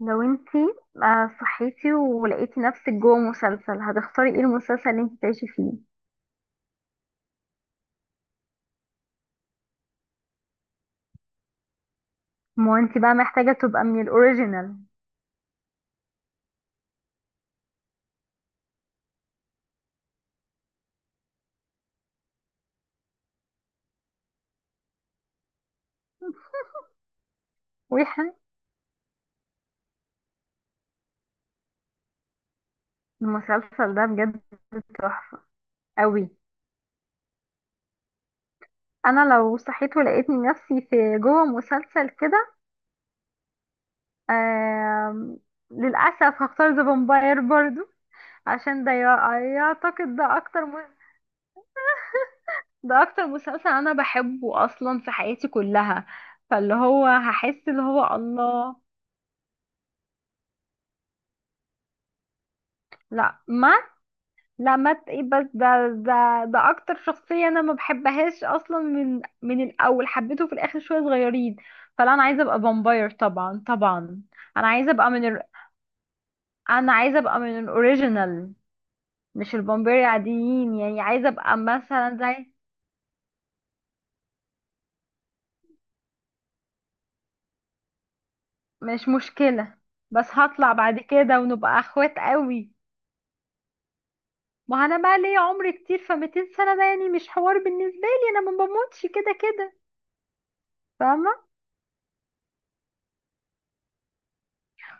لو انتي صحيتي ولقيتي نفسك جوه مسلسل، هتختاري ايه المسلسل اللي انتي تعيشي فيه؟ ما انتي بقى محتاجة تبقى من الاوريجينال. ويحن المسلسل ده بجد تحفة قوي. انا لو صحيت ولقيتني نفسي في جوه مسلسل كده، آم، للاسف هختار ذا فامباير برضو. عشان ده يعتقد ده اكتر مسلسل انا بحبه اصلا في حياتي كلها. فاللي هو هحس اللي هو الله. لا مهما لما إيه، بس ده اكتر شخصية انا ما بحبهاش اصلا من الاول، حبيته في الاخر شوية صغيرين. فلا، انا عايزة ابقى فامباير طبعا طبعا. انا عايزة ابقى من ال... انا عايزة ابقى من الاوريجينال، مش الفامباير العاديين، يعني عايزة ابقى مثلا زي. مش مشكلة، بس هطلع بعد كده ونبقى اخوات قوي. ما انا بقى ليا عمر كتير، ف 200 سنة ده يعني مش حوار بالنسبة لي، انا ما بموتش كده كده، فاهمة؟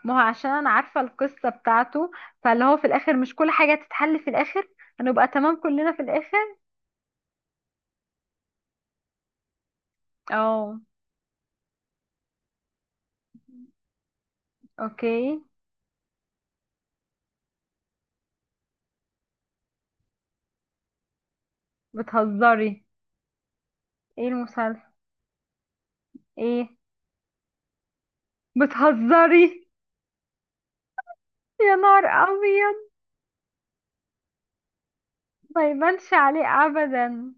ما هو عشان انا عارفه القصه بتاعته، فاللي هو في الاخر مش كل حاجه تتحل في الاخر، هنبقى تمام كلنا في الاخر. اه. اوكي. بتهزري؟ ايه المسلسل؟ ايه؟ بتهزري؟ يا نهار ابيض. ما يبانش عليه ابدا.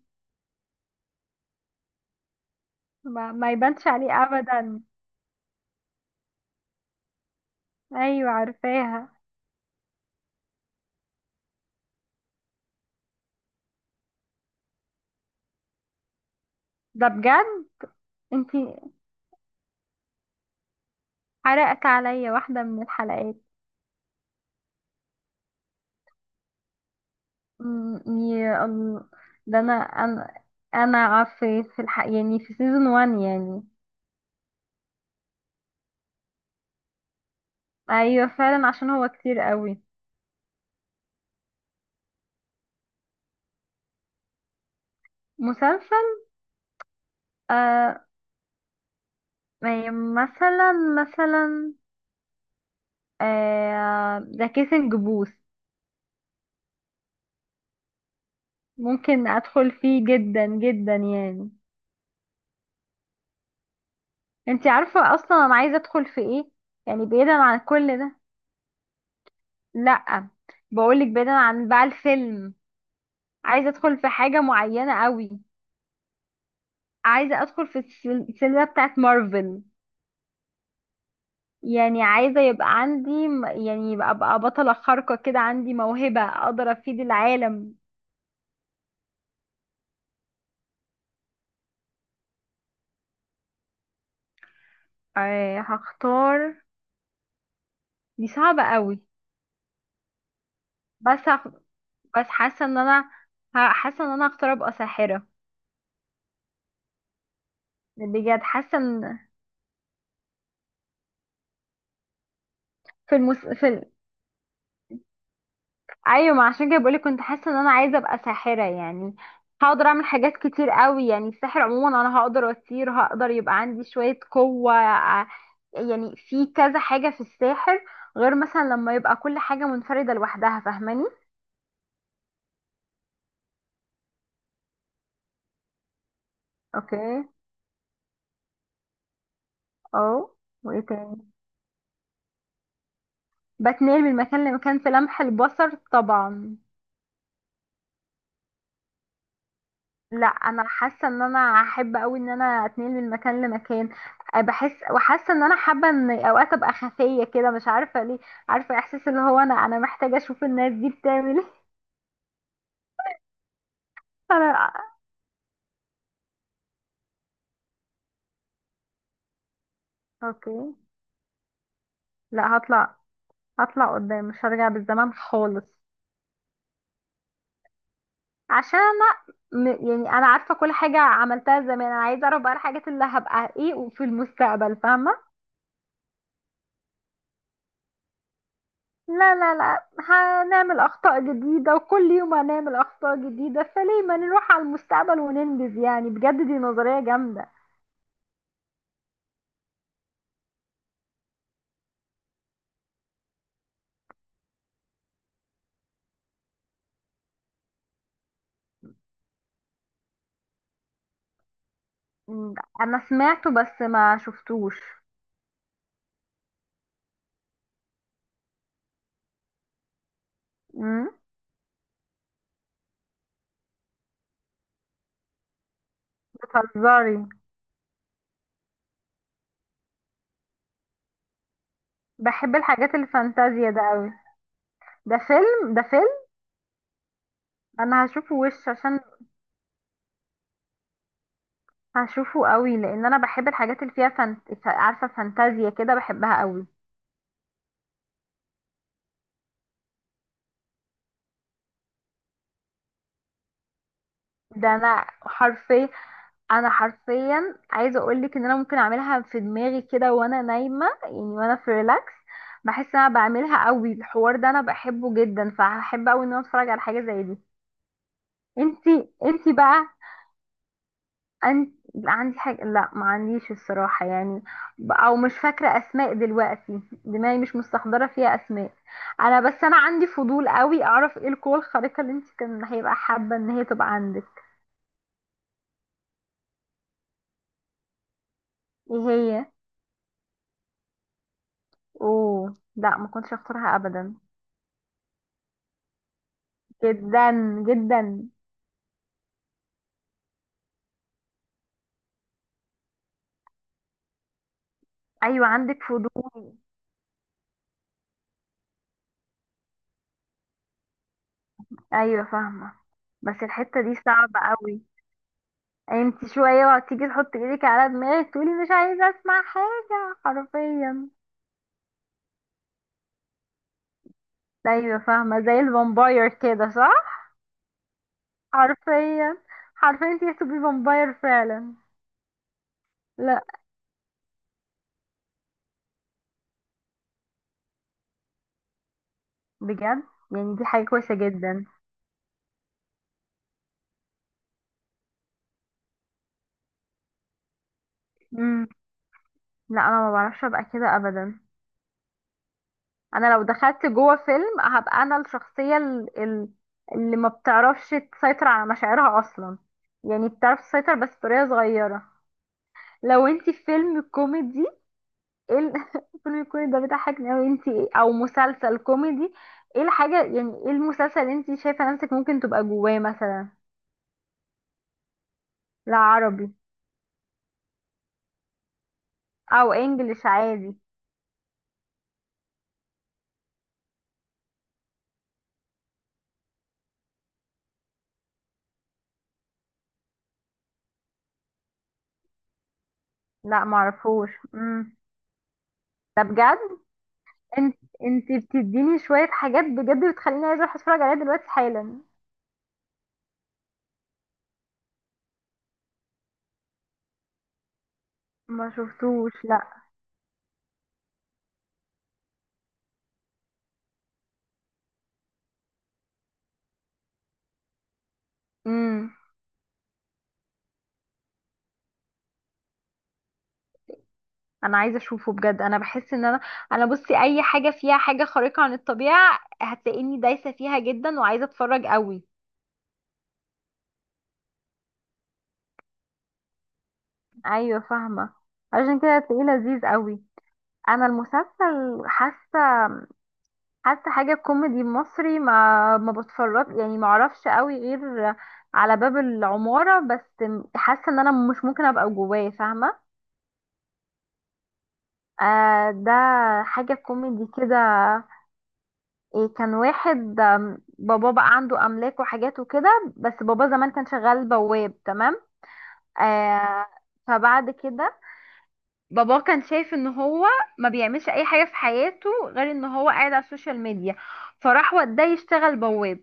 ما يبانش عليه ابدا. ايوه، عارفاها. ده بجد. انتي حرقت عليا واحده من الحلقات. يا الله. ده انا في يعني في سيزون 1 يعني. ايوه فعلا عشان هو كتير قوي. مسلسل. آه يعني مثلا مثلا، ذا كيسنج بوث، ممكن ادخل فيه جدا جدا يعني. انتي عارفة اصلا انا عايزة ادخل في ايه؟ يعني بعيدا عن كل ده. لا، بقولك بعيدا عن بقى الفيلم. عايزة ادخل في حاجة معينة قوي. عايزة ادخل في السلسلة بتاعت مارفل. يعني عايزة يبقى عندي يعني يبقى ابقى بطلة خارقة كده، عندي موهبة اقدر افيد العالم. هختار. دي صعبة قوي. بس هخ... بس حاسة ان انا حاسة ان انا هختار ابقى ساحرة. بجد حاسة ان في المس... في ال... ايوه، ما عشان كده بقولك، كنت حاسة ان انا عايزة ابقى ساحرة يعني. هقدر اعمل حاجات كتير قوي، يعني السحر عموما انا هقدر اطير، هقدر يبقى عندي شوية قوة يعني في كذا حاجة في الساحر، غير مثلا لما يبقى كل حاجة منفردة لوحدها، فاهماني؟ اوكي. اه. وايه تاني؟ بتنقل من مكان لمكان في لمح البصر طبعا. لا، انا حاسه ان انا احب قوي ان انا اتنقل من مكان لمكان. بحس وحاسه ان انا حابه ان اوقات ابقى خفيه كده، مش عارفه ليه. عارفه احساس اللي هو، انا محتاجه اشوف الناس دي بتعمل ايه. انا. اوكي. لا، هطلع قدام، مش هرجع بالزمن خالص. عشان انا يعني انا عارفه كل حاجه عملتها زمان، انا عايزه اعرف بقى الحاجات اللي هبقى ايه في المستقبل، فاهمه؟ لا لا لا، هنعمل أخطاء جديدة وكل يوم هنعمل أخطاء جديدة، فليه ما نروح على المستقبل وننجز، يعني بجد دي نظرية جامدة. مم، أنا سمعته بس ما شفتوش. مم، بتهزري؟ بحب الحاجات الفانتازيا ده قوي. ده فيلم؟ ده فيلم. أنا هشوفه وش عشان هشوفه قوي، لأن أنا بحب الحاجات اللي فيها عارفة، فانتازيا كده، بحبها قوي. ده أنا حرفيا، انا حرفيا عايزه اقول لك ان انا ممكن اعملها في دماغي كده وانا نايمه يعني، وانا في ريلاكس. بحس ان انا بعملها قوي الحوار ده، انا بحبه جدا، فهحب قوي ان انا اتفرج على حاجه زي دي. انتي بقى. انت، عندي حاجه؟ لا ما عنديش الصراحه يعني. او مش فاكره اسماء دلوقتي، دماغي مش مستحضره فيها اسماء. انا بس انا عندي فضول قوي اعرف ايه القوه الخارقه اللي انت كان هيبقى حابه ان هي تبقى عندك. ايه هي؟ اوه لا، ما كنتش اختارها ابدا. جدا جدا. ايوه عندك فضول. ايوه فاهمه. بس الحته دي صعبه قوي. انت شويه وهتيجي تحطي ايدك على دماغك تقولي مش عايزه اسمع حاجه حرفيا. ايوه فاهمه، زي الفامباير كده صح. حرفيا. حرفيا انت هتبقي فامباير فعلا. لا، بجد يعني دي حاجه كويسه جدا. امم لا، انا ما بعرفش ابقى كده ابدا. انا لو دخلت جوه فيلم هبقى انا الشخصيه اللي ما بتعرفش تسيطر على مشاعرها اصلا. يعني بتعرف تسيطر بس بطريقه صغيره. لو انتي في فيلم كوميدي، ايه الفيلم الكوميدي ده بيضحكني اوي، انتي او مسلسل كوميدي؟ ايه الحاجه يعني ايه المسلسل اللي انتي شايفه نفسك ممكن تبقى جواه مثلا؟ لا، عربي او انجليش عادي. لا معرفوش. ده بجد. انت انت بتديني شويه حاجات بجد بتخليني عايزه اروح اتفرج عليها دلوقتي حالا. ما شفتوش لا. امم انا عايزه اشوفه بجد، انا بحس ان انا، انا بصي اي حاجه فيها حاجه خارقه عن الطبيعه هتلاقيني دايسه فيها جدا وعايزه اتفرج قوي. ايوه فاهمه، عشان كده هتلاقيه لذيذ قوي. انا المسلسل حاسه حاجه كوميدي مصري ما بتفرج يعني، ما اعرفش قوي غير على باب العماره بس، حاسه ان انا مش ممكن ابقى جواه، فاهمه؟ ده حاجه كوميدي كده. إيه؟ كان واحد بابا بقى عنده املاك وحاجات وكده، بس بابا زمان كان شغال بواب، تمام؟ آه فبعد كده بابا كان شايف ان هو ما بيعملش اي حاجه في حياته غير ان هو قاعد على السوشيال ميديا، فراح وداه يشتغل بواب.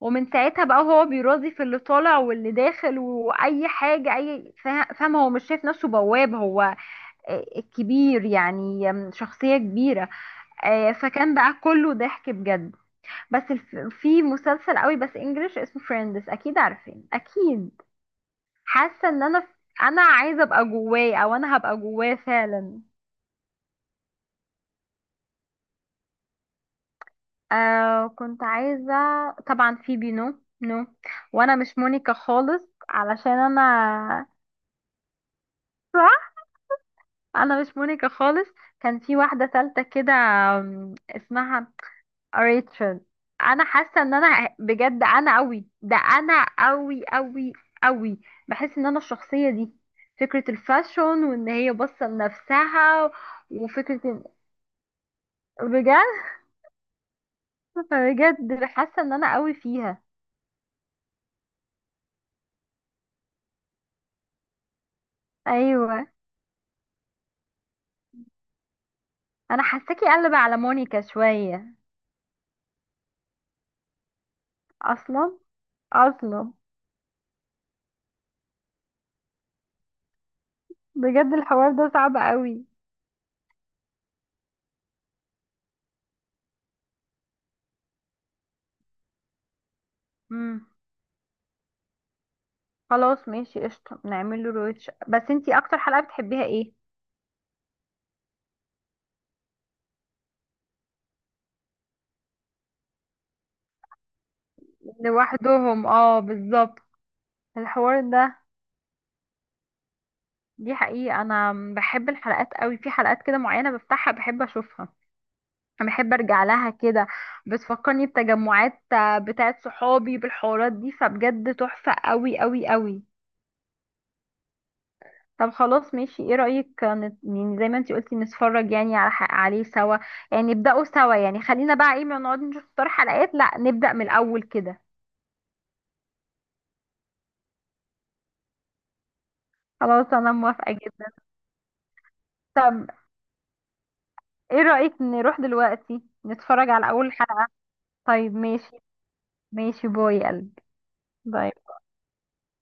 ومن ساعتها بقى هو بيراضي في اللي طالع واللي داخل واي حاجه، اي فاهم؟ هو مش شايف نفسه بواب، هو كبير يعني، شخصيه كبيره. فكان بقى كله ضحك بجد. بس الف... في مسلسل قوي بس انجلش اسمه فريندز، اكيد عارفين، اكيد. حاسه ان انا عايزه ابقى جواه، او انا هبقى جواه فعلا. كنت عايزه طبعا فيبي، نو نو. وانا مش مونيكا خالص، علشان انا صح. انا مش مونيكا خالص. كان في واحده ثالثه كده، اسمها قريت شن. انا حاسه ان انا بجد انا قوي ده، انا قوي قوي قوي. بحس ان انا الشخصيه دي، فكره الفاشون وان هي باصه لنفسها، وفكره إن- بجد. بجد حاسه ان انا قوي فيها. ايوه. انا حاساكي قلب على مونيكا شويه. اصلا. اصلا. بجد الحوار ده صعب قوي. امم خلاص ماشي قشطه، نعمل له رويتش. بس انتي اكتر حلقه بتحبيها ايه؟ لوحدهم، اه بالظبط. الحوار ده، دي حقيقة. أنا بحب الحلقات قوي، في حلقات كده معينة بفتحها بحب أشوفها، بحب أرجع لها كده. بتفكرني بتجمعات بتاعت صحابي بالحوارات دي، فبجد تحفة قوي قوي قوي. طب خلاص ماشي. ايه رأيك يعني زي ما انتي قلتي، نتفرج يعني على عليه سوا؟ يعني نبدأه سوا، يعني خلينا بقى ايه، ما نقعد نشوف اختار حلقات، لا نبدأ من الأول كده. خلاص أنا موافقة جدا. طب ايه رأيك نروح دلوقتي نتفرج على أول حلقة؟ طيب ماشي. ماشي. باي يا قلبي. باي.